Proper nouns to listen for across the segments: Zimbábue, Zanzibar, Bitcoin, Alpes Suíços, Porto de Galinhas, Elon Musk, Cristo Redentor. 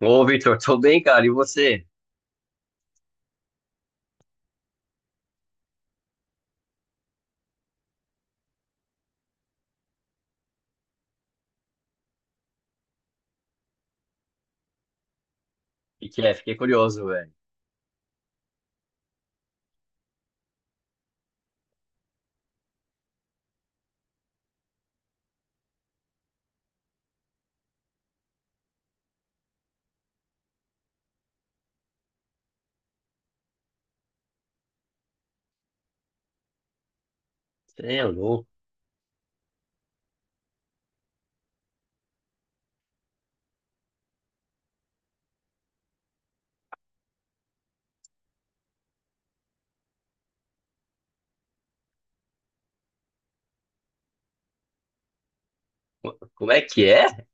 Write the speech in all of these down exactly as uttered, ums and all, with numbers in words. Ô, Victor, tô bem, cara. E você? O que que é? Fiquei curioso, velho. Você é louco. Como é que é?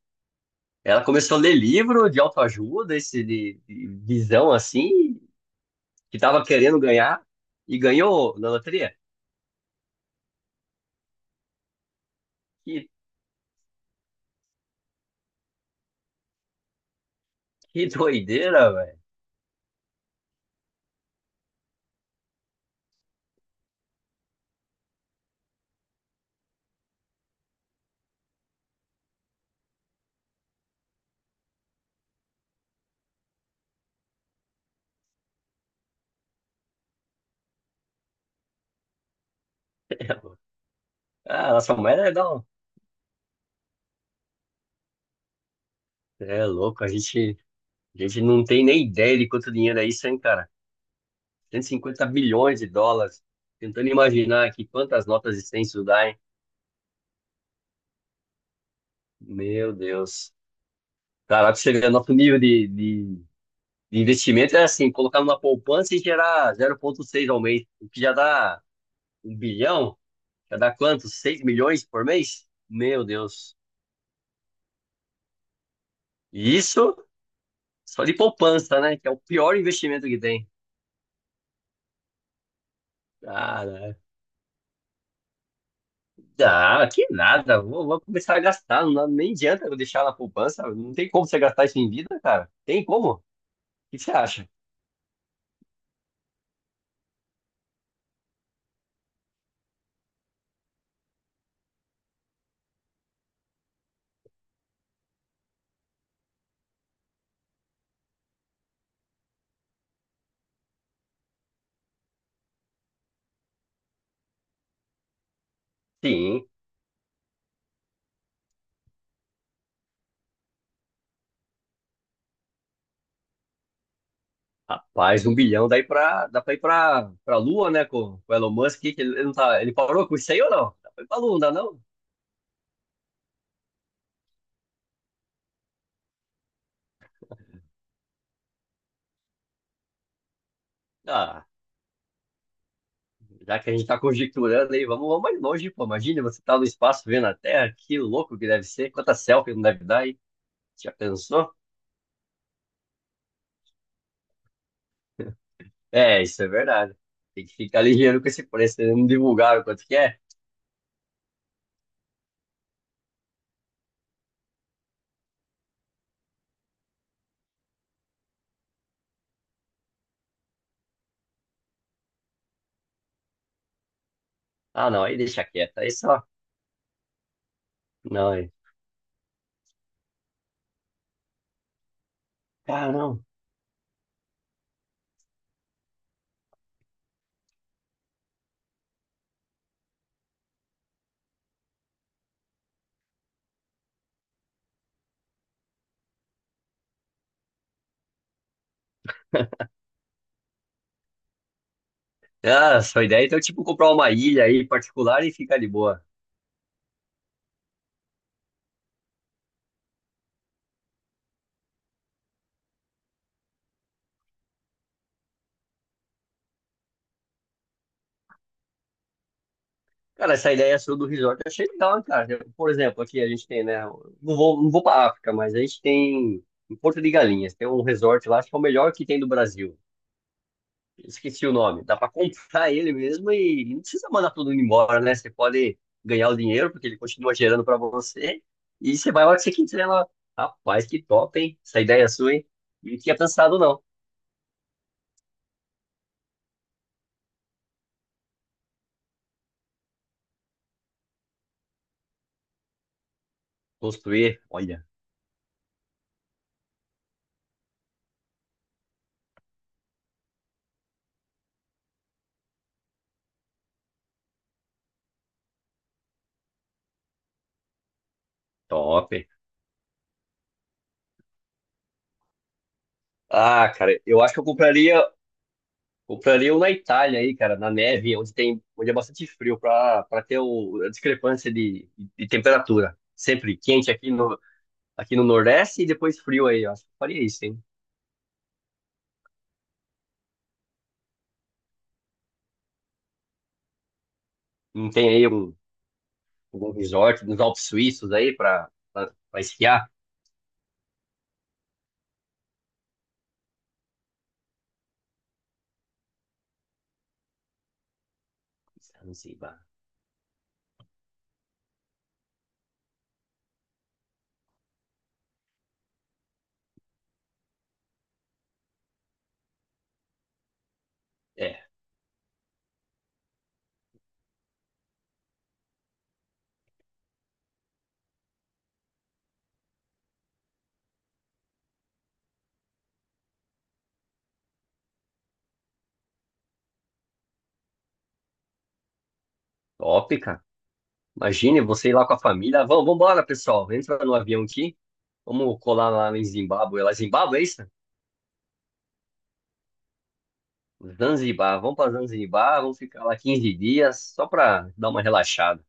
Ela começou a ler livro de autoajuda, esse de, de visão assim, que tava querendo ganhar e ganhou na loteria. Que, que doideira, velho. Ah, nossa mãe é legal. Você é louco, a gente, a gente não tem nem ideia de quanto dinheiro é isso, hein, cara? Cento e cinquenta bilhões de dólares. Tentando imaginar aqui quantas notas de cem isso dá, hein? Meu Deus. Caraca, chega nosso nível de, de, de investimento é assim, colocar numa poupança e gerar zero vírgula seis ao mês, o que já dá um bilhão, já dá quanto? Seis milhões por mês? Meu Deus. E isso só de poupança, né? Que é o pior investimento que tem. Cara, dá, que nada. Vou, vou começar a gastar. Não, nem adianta eu deixar na poupança. Não tem como você gastar isso em vida, cara. Tem como? O que você acha? Sim. Rapaz, um bilhão daí pra, dá pra ir pra, pra Lua, né? Com, com o Elon Musk, que ele, ele não tá, ele parou com isso aí ou não? Dá pra ir pra Lua, não dá não? Ah, já que a gente tá conjecturando aí, vamos, vamos mais longe, pô. Imagina você tá no espaço vendo a Terra, que louco que deve ser, quanta selfie não deve dar aí. Já pensou? É, isso é verdade. Tem que ficar ligeiro com esse preço, eles não divulgaram quanto que é. Ah, não, aí deixa quieto, aí só. Não, aí. Ah, não. Ah, sua ideia então é então, tipo comprar uma ilha aí particular e ficar de boa. Cara, essa ideia sua do resort eu achei legal, hein, cara. Por exemplo, aqui a gente tem, né? Não vou, não vou para África, mas a gente tem em Porto de Galinhas, tem um resort lá, acho que é o melhor que tem do Brasil. Esqueci o nome. Dá para comprar ele mesmo e não precisa mandar tudo embora, né? Você pode ganhar o dinheiro, porque ele continua gerando para você. E você vai a hora que você quiser lá. Rapaz, que top, hein? Essa ideia sua, hein? Não tinha pensado, não. Construir, olha, top. Ah, cara, eu acho que eu compraria Compraria um na Itália aí, cara, na neve, onde tem, onde é bastante frio, para para ter o, a discrepância de, de temperatura. Sempre quente aqui no, aqui no Nordeste e depois frio aí. Eu acho que eu faria isso, hein? Não tem aí um, algum resort nos Alpes Suíços aí para esquiar? Não sei, bah. É, top, cara. Imagine você ir lá com a família. Vamos, vambora, pessoal. Entra no avião aqui. Vamos colar lá em Zimbábue. É, Lá, Zimbábue, é isso? Zanzibar, vamos para Zanzibar, vamos ficar lá quinze dias só para dar uma relaxada.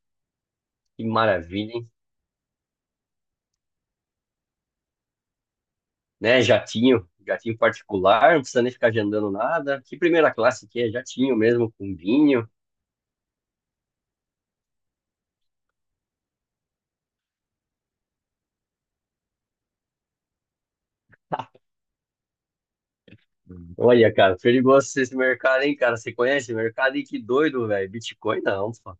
Que maravilha, hein? Né? Jatinho, jatinho particular, não precisa nem ficar agendando nada. Que primeira classe que é? Jatinho mesmo, com vinho. Hum. Olha, cara, perigoso esse mercado, hein, cara? Você conhece o mercado? E que doido, velho. Bitcoin não, pô.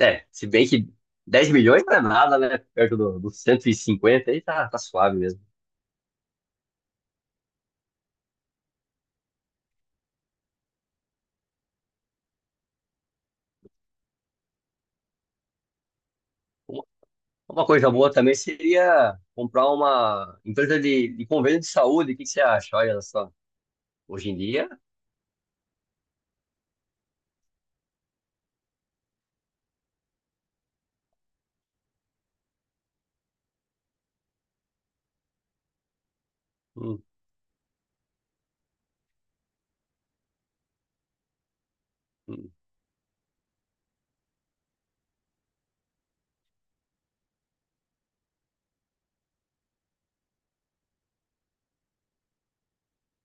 É, se bem que dez milhões não é nada, né? Perto do- dos cento e cinquenta aí tá, tá suave mesmo. Uma uma coisa boa também seria comprar uma empresa de, de convênio de saúde. O que que você acha? Olha só, hoje em dia. Hum, hum.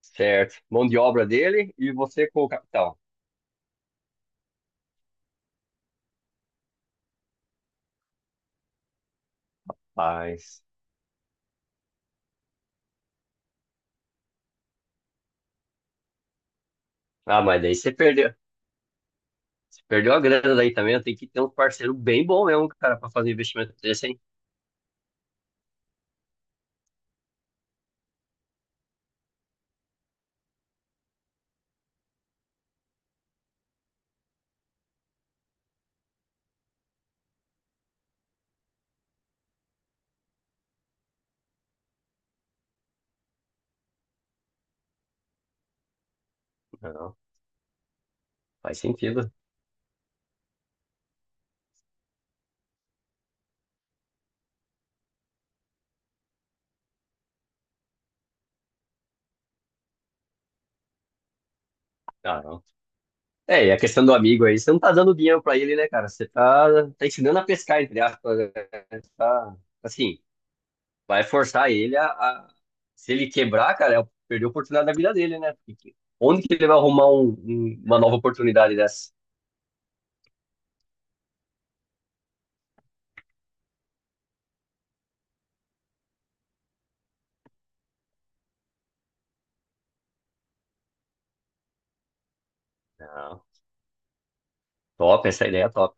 Certo. Mão de obra dele e você com o capital. Mas. Ah, mas daí você perdeu. Você perdeu a grana daí também. Tem que ter um parceiro bem bom mesmo, cara, pra fazer investimento desse, hein? Não, faz sentido. Ah, não. É, e a questão do amigo aí, você não tá dando dinheiro pra ele, né, cara? Você tá, tá ensinando a pescar, entre aspas, né? Você Tá, assim, vai forçar ele a, a- Se ele quebrar, cara, é perder a oportunidade da vida dele, né? Porque Onde que ele vai arrumar um- um- uma nova oportunidade dessa? Não. Top, essa ideia é top.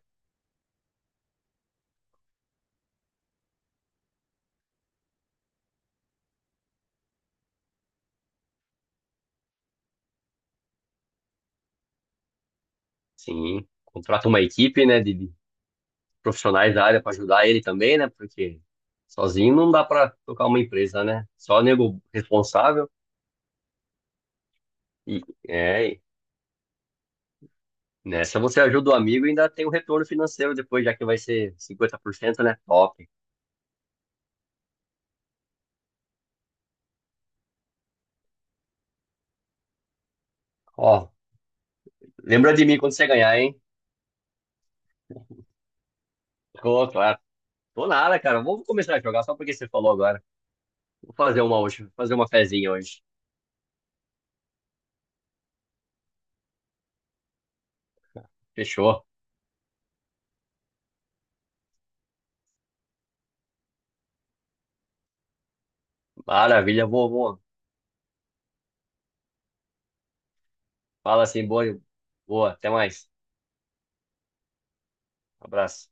Sim, contrata uma equipe, né, de de profissionais da área para ajudar ele também, né, porque sozinho não dá para tocar uma empresa, né? Só nego responsável e é, e nessa você ajuda o amigo e ainda tem o retorno financeiro depois, já que vai ser cinquenta por cento, né? Top. Ó, lembra de mim quando você ganhar, hein? Tô, claro. Tô nada, cara. Vou começar a jogar só porque você falou agora. Vou fazer uma hoje, vou fazer uma fezinha hoje. Fechou. Maravilha, vou, vou. Fala assim, boa, boa. Até mais. Abraço.